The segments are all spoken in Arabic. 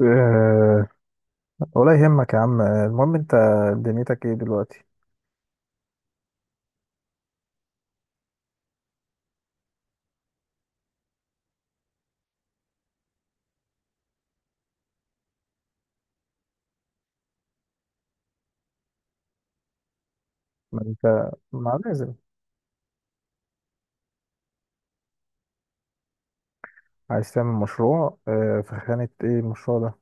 أه، ولا يهمك يا عم، المهم انت دنيتك ايه دلوقتي؟ ما انت ما لازم. عايز تعمل مشروع في خانة ايه المشروع ده؟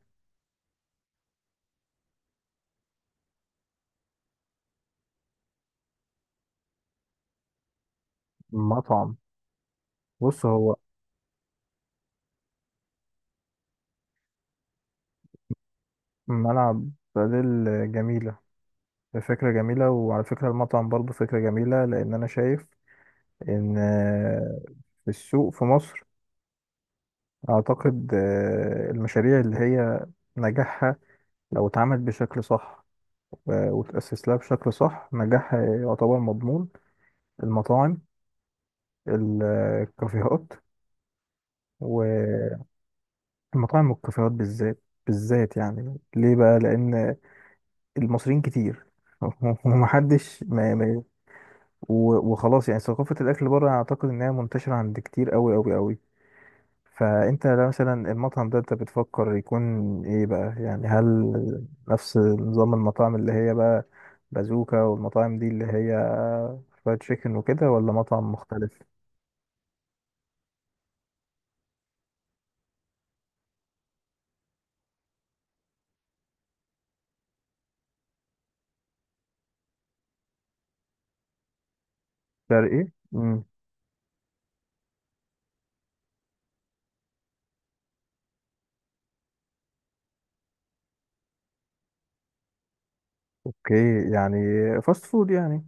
مطعم. بص، هو ملعب بدل. جميلة. فكرة جميلة، وعلى فكرة المطعم برضه فكرة جميلة، لأن أنا شايف إن في السوق في مصر أعتقد المشاريع اللي هي نجاحها لو اتعملت بشكل صح وتأسس لها بشكل صح نجاحها يعتبر مضمون. المطاعم، ال- الكافيهات، والمطاعم والكافيهات بالذات بالذات، يعني ليه بقى؟ لأن المصريين كتير ومحدش ما. وخلاص، يعني ثقافة الأكل بره أعتقد إنها منتشرة عند كتير أوي أوي أوي. فأنت لو مثلا المطعم ده أنت بتفكر يكون إيه بقى؟ يعني هل نفس نظام المطاعم اللي هي بقى بازوكا والمطاعم دي اللي هي فرايد تشيكن وكده، ولا مطعم مختلف؟ شرقي؟ امم اوكي، يعني فاست فود يعني.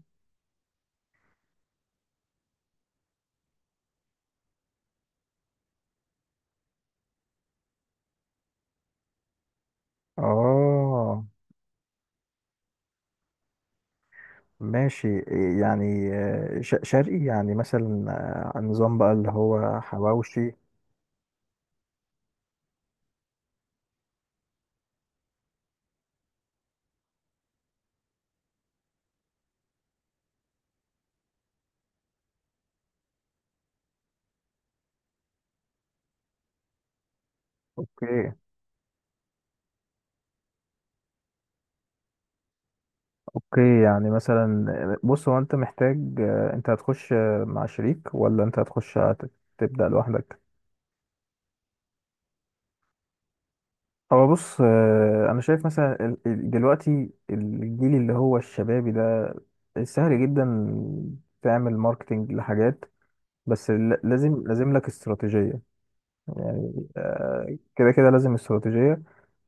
اه، ماشي، يعني شرقي يعني مثلا، نظام بقى اللي هو حواوشي. اوكي، اوكي، يعني مثلا بص، هو انت محتاج انت هتخش مع شريك، ولا انت هتخش تبدأ لوحدك؟ هو بص، انا شايف مثلا دلوقتي الجيل اللي هو الشبابي ده سهل جدا تعمل ماركتينج لحاجات، بس لازم لازم لك استراتيجية. يعني كده كده لازم استراتيجية.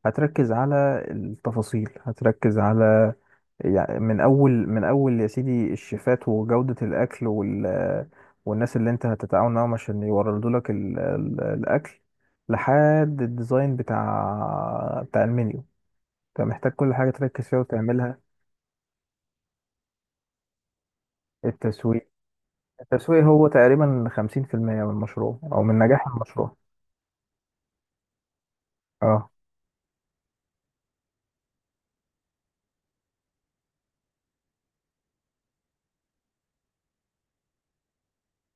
هتركز على التفاصيل، هتركز على، يعني من أول من أول يا سيدي، الشيفات وجودة الأكل والناس اللي أنت هتتعاون معاهم عشان يوردوا لك الأكل، لحد الديزاين بتاع المنيو. أنت محتاج كل حاجة تركز فيها وتعملها. التسويق. التسويق هو تقريبا 50% من المشروع، أو من نجاح المشروع. اه،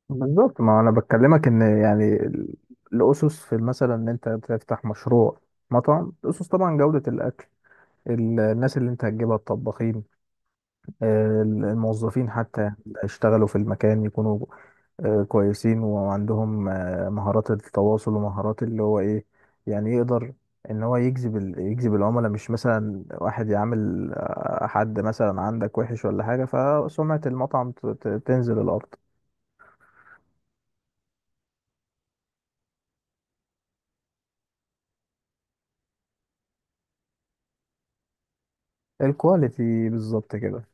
بالظبط. ما انا بكلمك ان يعني الاسس في، مثلا، ان انت تفتح مشروع مطعم. الاسس طبعا جودة الاكل، الناس اللي انت هتجيبها، الطباخين، الموظفين حتى اللي هيشتغلوا في المكان يكونوا كويسين، وعندهم مهارات التواصل ومهارات اللي هو ايه، يعني يقدر ان هو يجذب يجذب العملاء. مش مثلا واحد يعامل حد مثلا عندك وحش ولا حاجة، فسمعة المطعم تنزل الارض. الكواليتي، بالظبط كده.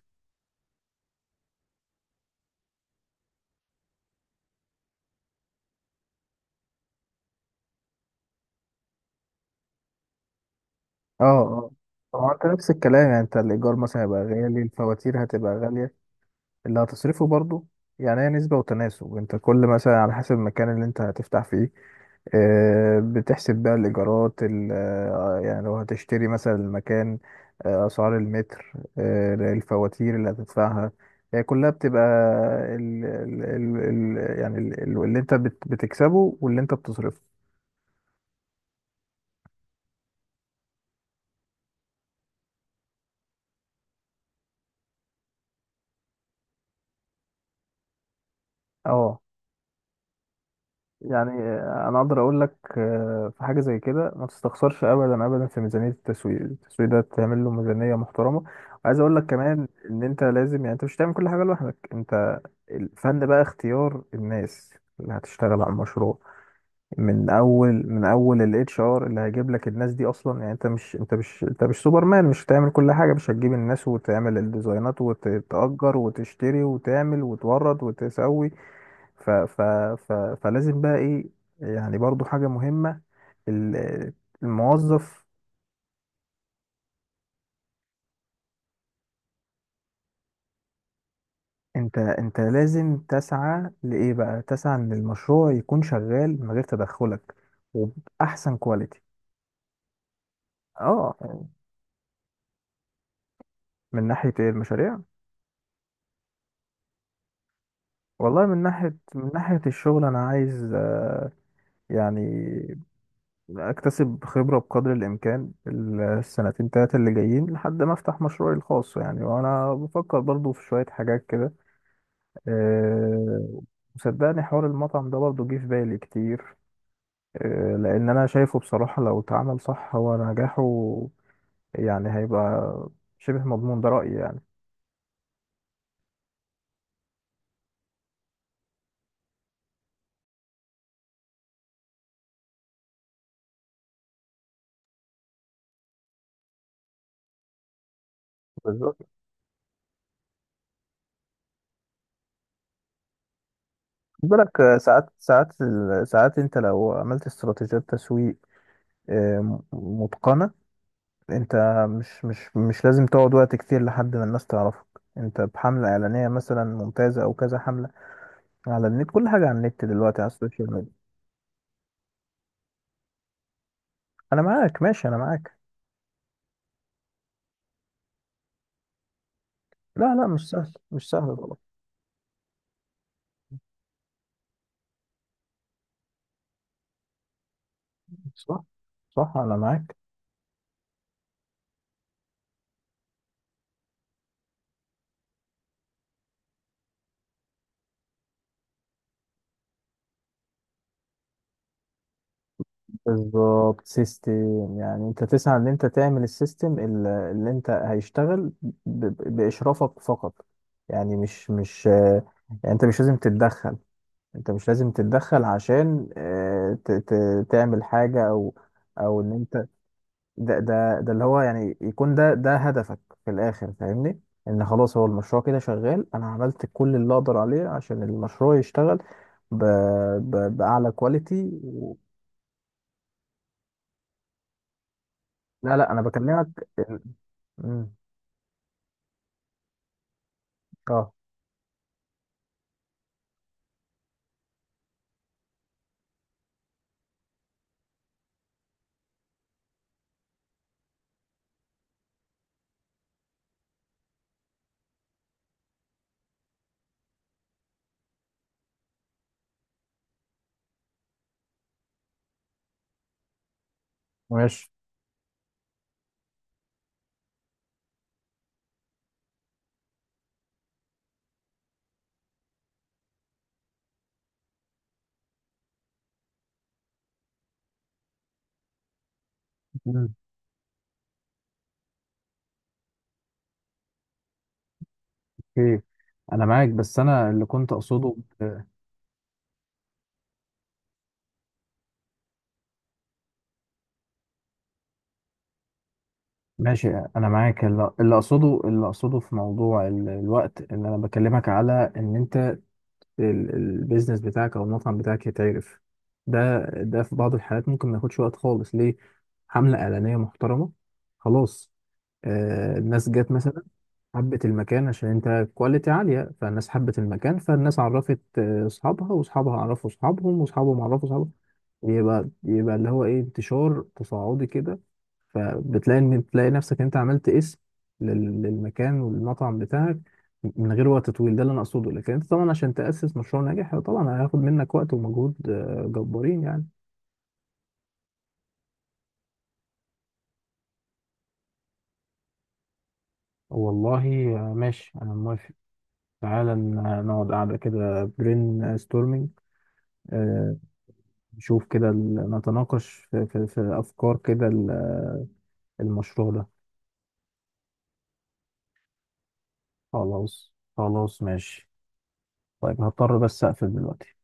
اه، اه، هو انت نفس الكلام. يعني انت الايجار مثلا هيبقى غالي، الفواتير هتبقى غاليه، اللي هتصرفه برضو. يعني هي نسبه وتناسب. انت كل مثلا على حسب المكان اللي انت هتفتح فيه، بتحسب بقى الإيجارات يعني لو هتشتري مثلا المكان، أسعار المتر، الفواتير اللي هتدفعها، هي كلها بتبقى ال ال ال ال يعني اللي انت بتكسبه، واللي انت بتصرفه. اه، يعني انا اقدر اقول لك في حاجه زي كده ما تستخسرش ابدا ابدا في ميزانيه التسويق. التسويق ده تعمل له ميزانيه محترمه. وعايز اقول لك كمان ان انت لازم، يعني انت مش هتعمل كل حاجه لوحدك. انت الفن بقى اختيار الناس اللي هتشتغل على المشروع، من اول من اول الـHR اللي هيجيب لك الناس دي اصلا. يعني انت مش سوبرمان. مش هتعمل كل حاجه، مش هتجيب الناس وتعمل الديزاينات وتأجر وتشتري وتعمل وتورد وتسوي. ف ف ف فلازم بقى ايه؟ يعني برضو حاجة مهمة، ال- الموظف. انت لازم تسعى لايه بقى؟ تسعى ان المشروع يكون شغال من غير تدخلك، وبأحسن كواليتي. اه. من ناحية ايه؟ المشاريع. والله من ناحية الشغل انا عايز يعني اكتسب خبرة بقدر الامكان السنتين تلاتة اللي جايين، لحد ما افتح مشروعي الخاص. يعني وانا بفكر برضو في شوية حاجات كده. أه، وصدقني حوار المطعم ده برضه جه في بالي كتير. أه، لأن أنا شايفه بصراحة، لو اتعمل صح هو نجاحه يعني هيبقى شبه مضمون. ده رأيي يعني. بالظبط. خد بالك، ساعات ساعات انت لو عملت استراتيجيات تسويق آه، م- متقنة، انت مش لازم تقعد وقت كتير لحد ما الناس تعرفك. انت بحملة اعلانية مثلا ممتازة، او كذا حملة، على النت، كل حاجة على النت دلوقتي، على السوشيال ميديا. انا معاك، ماشي، انا معاك. لا، لا، مش سهل، مش سهل، غلط. صح، صح، انا معاك. بالظبط سيستم. يعني انت تسعى ان انت تعمل السيستم اللي انت هيشتغل باشرافك فقط. يعني مش مش يعني انت مش لازم تتدخل. انت مش لازم تتدخل عشان تعمل حاجة، او ان انت، ده اللي هو يعني، يكون ده هدفك في الاخر، فاهمني؟ ان خلاص هو المشروع كده شغال. انا عملت كل اللي اقدر عليه عشان المشروع يشتغل ب... باعلى كواليتي و... لا، لا، انا بكلمك ال- مم. اه، ماشي. مم. اوكي، انا معاك، بس انا اللي كنت اقصده ماشي، انا معاك. اللي اقصده في موضوع الوقت، ان انا بكلمك على ان انت، البيزنس بتاعك او المطعم بتاعك يتعرف. ده في بعض الحالات ممكن ما ياخدش وقت خالص، ليه؟ حملة إعلانية محترمة، خلاص، الناس جت مثلا، حبت المكان عشان انت كواليتي عالية، فالناس حبت المكان، فالناس عرفت اصحابها، واصحابها عرفوا اصحابهم، واصحابهم عرفوا اصحابهم. يبقى اللي هو ايه، انتشار تصاعدي كده. فبتلاقي ان تلاقي نفسك انت عملت اسم للمكان والمطعم بتاعك من غير وقت طويل. ده اللي انا اقصده. لكن انت طبعا عشان تأسس مشروع ناجح طبعا هياخد منك وقت ومجهود جبارين يعني. والله، ماشي، انا موافق. تعالى نقعد قاعدة كده برين ستورمينج. نشوف كده نتناقش في, في, في افكار كده المشروع ده. خلاص، خلاص، ماشي. طيب، هضطر بس اقفل دلوقتي.